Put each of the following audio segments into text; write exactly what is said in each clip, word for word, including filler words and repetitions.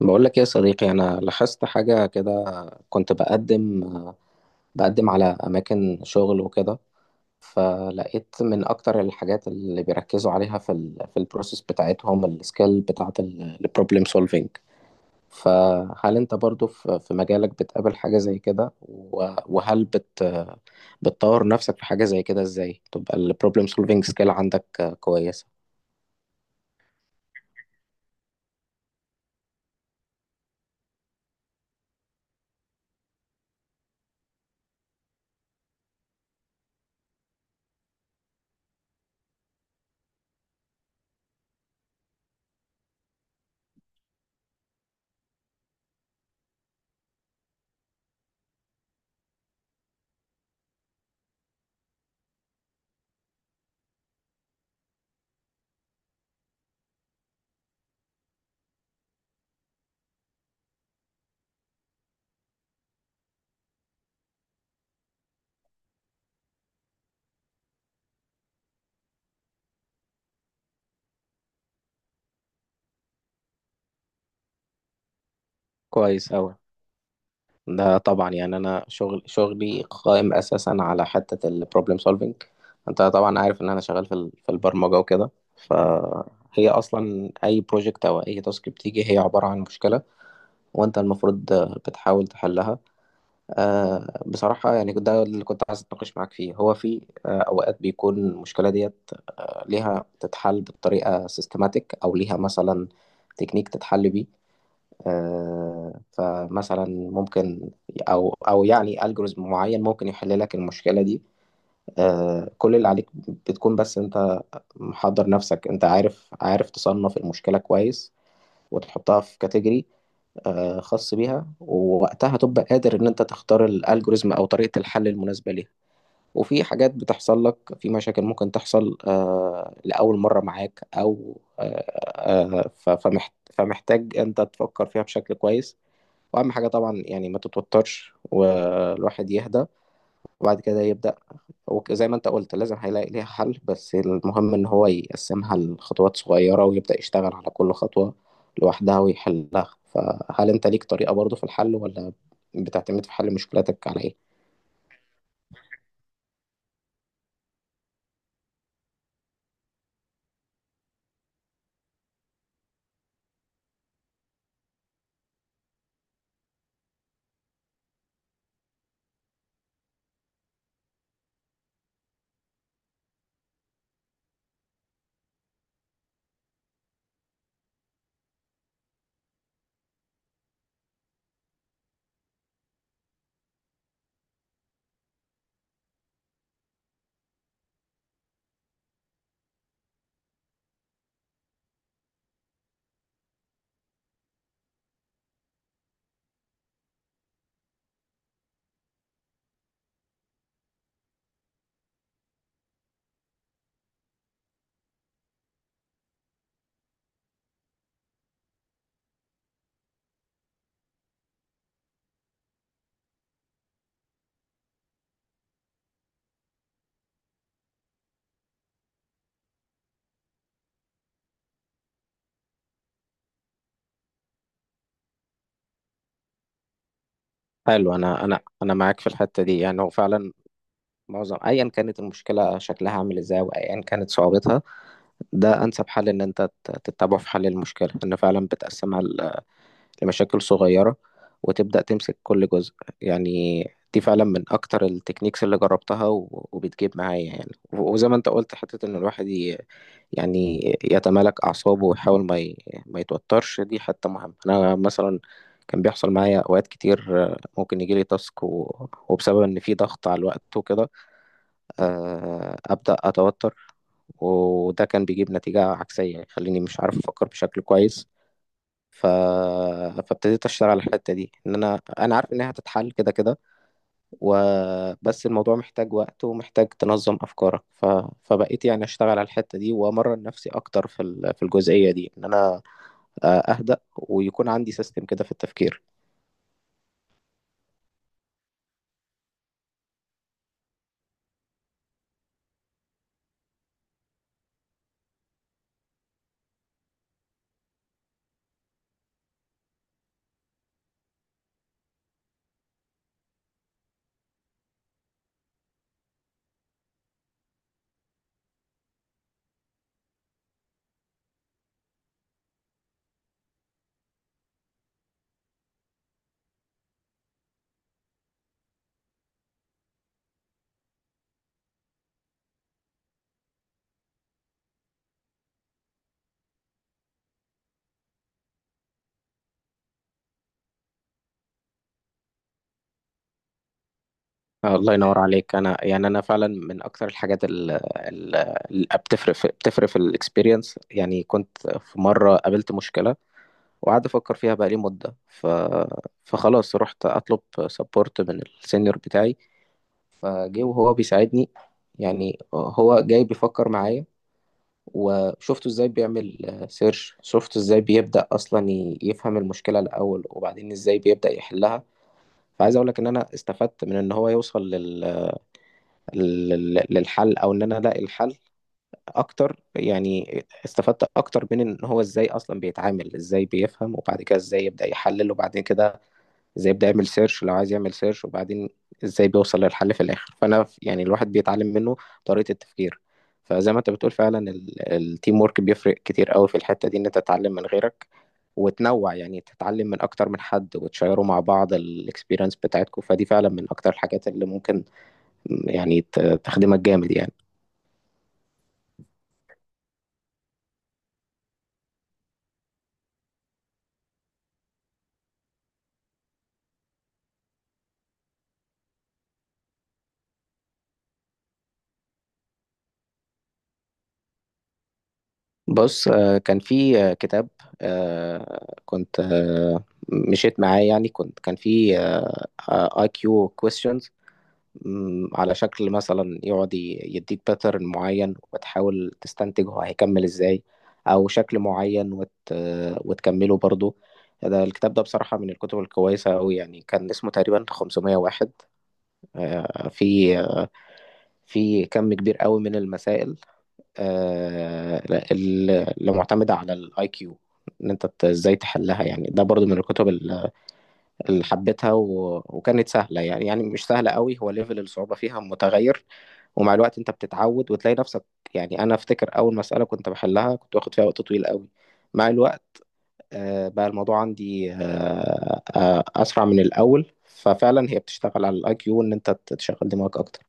بقول لك إيه يا صديقي، انا لاحظت حاجه كده. كنت بقدم بقدم على اماكن شغل وكده، فلقيت من اكتر الحاجات اللي بيركزوا عليها في ال في البروسيس بتاعتهم السكيل بتاعه البروبلم سولفينج. فهل انت برضو في في مجالك بتقابل حاجه زي كده؟ و- وهل بت بتطور نفسك في حاجه زي كده؟ ازاي تبقى البروبلم سولفينج سكيل عندك كويسه؟ كويس أوي. ده طبعا يعني انا شغل شغلي قائم اساسا على حته البروبلم سولفينج. انت طبعا عارف ان انا شغال في ال- في البرمجه وكده، فهي اصلا اي بروجكت او اي تاسك بتيجي هي عباره عن مشكله، وانت المفروض بتحاول تحلها. آه، بصراحه يعني ده اللي كنت عايز اتناقش معاك فيه. هو في آه، اوقات بيكون المشكله ديت ليها تتحل بطريقه سيستماتيك، او ليها مثلا تكنيك تتحل بيه. آه، فمثلا ممكن او او يعني الجوريزم معين ممكن يحل لك المشكله دي. آه، كل اللي عليك بتكون بس انت محضر نفسك، انت عارف عارف تصنف المشكله كويس وتحطها في كاتيجوري آه، خاص بيها، ووقتها تبقى قادر ان انت تختار الالجوريزم او طريقه الحل المناسبه ليها. وفي حاجات بتحصل لك، في مشاكل ممكن تحصل آه، لاول مره معاك او آه، آه، ف- فمحت- فمحتاج انت تفكر فيها بشكل كويس. واهم حاجه طبعا يعني ما تتوترش، والواحد يهدى وبعد كده يبدا. وزي ما انت قلت، لازم هيلاقي ليها حل، بس المهم ان هو يقسمها لخطوات صغيره ويبدا يشتغل على كل خطوه لوحدها ويحلها. فهل انت ليك طريقه برضو في الحل، ولا بتعتمد في حل مشكلتك على ايه؟ حلو. انا انا انا معاك في الحته دي، يعني هو فعلا معظم، ايا كانت المشكله شكلها عامل ازاي وايا كانت صعوبتها، ده انسب حل ان انت تت- تتبعه في حل المشكله، ان فعلا بتقسمها لمشاكل صغيرة وتبدأ تمسك كل جزء. يعني دي فعلا من أكتر التكنيكس اللي جربتها و- وبتجيب معايا. يعني و- وزي ما أنت قلت، حتة إن الواحد ي- يعني يتمالك أعصابه ويحاول ما ي... ما يتوترش، دي حتة مهمة. أنا مثلا كان بيحصل معايا أوقات كتير، آه، ممكن يجيلي تاسك و... وبسبب إن في ضغط على الوقت وكده آه، أبدأ أتوتر، وده كان بيجيب نتيجة عكسية، يخليني مش عارف أفكر بشكل كويس. ف... فابتديت اشتغل على الحته دي، ان انا انا عارف انها هتتحل كده كده، وبس الموضوع محتاج وقت ومحتاج تنظم افكارك. ف... فبقيت يعني اشتغل على الحته دي وامرن نفسي اكتر في ال... في الجزئيه دي، ان انا آه، اهدأ ويكون عندي سيستم كده في التفكير. آه، الله ينور عليك. انا يعني انا فعلا من اكتر الحاجات اللي بتفرق في... بتفرق في الاكسبيرينس. يعني كنت في مره قابلت مشكله وقعدت افكر فيها بقالي مده. ف... فخلاص رحت اطلب سبورت من السينيور بتاعي، فجه وهو بيساعدني. يعني هو جاي بيفكر معايا، وشفته ازاي بيعمل سيرش، شفته ازاي بيبدأ اصلا ي- يفهم المشكله الاول، وبعدين ازاي بيبدأ يحلها. فعايز اقول لك ان انا استفدت من ان هو يوصل لل... لل... للحل، او ان انا الاقي الحل اكتر. يعني استفدت اكتر من ان هو ازاي اصلا بيتعامل، ازاي بيفهم، وبعد كده ازاي يبدأ يحلل، وبعد كده ازاي يبدأ يعمل سيرش لو عايز يعمل سيرش، وبعدين ازاي بيوصل للحل في الاخر. فانا ف- يعني الواحد بيتعلم منه طريقة التفكير. فزي ما انت بتقول فعلا، التيم ورك بيفرق كتير قوي في الحتة دي، ان انت تتعلم من غيرك وتنوع، يعني تتعلم من اكتر من حد وتشيروا مع بعض الاكسبيرينس بتاعتكم. فدي فعلا من اكتر الحاجات اللي ممكن يعني ت- تخدمك جامد يعني. بص، آه، كان في آه، كتاب آه، كنت آه، مشيت معاه. يعني كنت كان في اي كيو كويستشنز، مم، على شكل مثلا يقعد ي- يديك باترن معين وتحاول تستنتج هو هيكمل ازاي، او شكل معين وت... وتكمله برضو. ده الكتاب ده بصراحة من الكتب الكويسة أوي، يعني كان اسمه تقريبا خمسمية واحد. آه، في في كم كبير قوي من المسائل آه، ال- اللي معتمدة على الاي كيو، ان انت ت- ازاي تحلها. يعني ده برضو من الكتب ال- اللي حبيتها و... وكانت سهلة، يعني يعني مش سهلة قوي، هو ليفل الصعوبة فيها متغير. ومع الوقت انت بتتعود وتلاقي نفسك. يعني انا افتكر اول مسألة كنت بحلها كنت واخد فيها وقت طويل قوي، مع الوقت آه، بقى الموضوع عندي آه، آه، اسرع من الاول. ففعلا هي بتشتغل على الاي كيو، ان انت تشغل دماغك اكتر.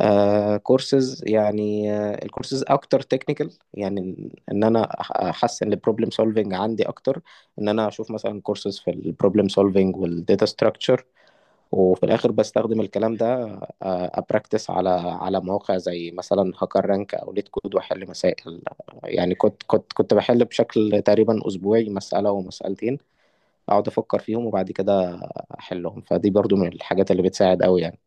آه كورسز يعني، آه، الكورسز اكتر تكنيكال، يعني ان إن انا أح- احسن البروبلم سولفنج عندي اكتر، ان انا اشوف مثلا كورسز في البروبلم سولفنج والداتا ستراكشر، وفي الاخر بستخدم الكلام ده. آه، ابراكتس على على مواقع زي مثلا هاكر رانك او ليت كود واحل مسائل. يعني كنت كنت كنت بحل بشكل تقريبا اسبوعي مساله ومسالتين، اقعد افكر فيهم وبعد كده احلهم. فدي برضو من الحاجات اللي بتساعد قوي يعني.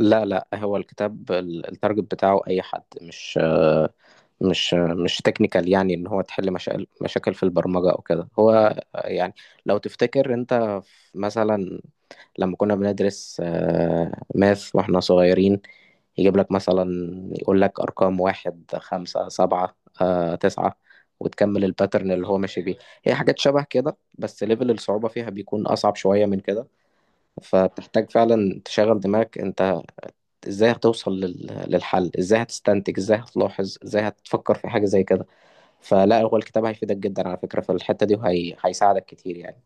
لا لا، هو الكتاب ال- التارجت بتاعه اي حد، مش آه، مش آه، مش تكنيكال، يعني ان هو تحل مشاكل، مشاكل في البرمجه او كده. هو آه، يعني لو تفتكر انت في- مثلا لما كنا بندرس ماث واحنا صغيرين، يجيب لك مثلا، يقول لك أرقام واحد خمسة سبعة آه، تسعة، وتكمل الباترن اللي هو ماشي بيه. هي حاجات شبه كده، بس ليفل الصعوبة فيها بيكون أصعب شوية من كده، فبتحتاج فعلا تشغل دماغك أنت. إزاي هتوصل لل- للحل؟ إزاي هتستنتج؟ إزاي هتلاحظ؟ إزاي هتفكر في حاجة زي كده؟ فلا، هو الكتاب هيفيدك جدا على فكرة في الحتة دي، وهيساعدك كتير يعني.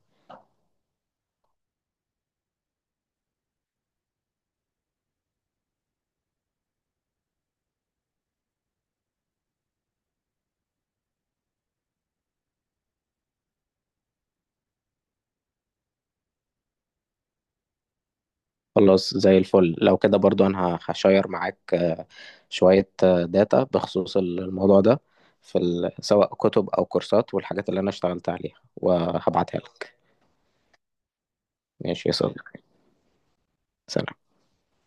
خلاص زي الفل. لو كده برضو انا ه- هشير معاك آه، شوية آه، داتا بخصوص الموضوع ده، في ال- سواء كتب او كورسات والحاجات اللي انا اشتغلت عليها، وهبعتها لك. ماشي يا صديقي. سلام.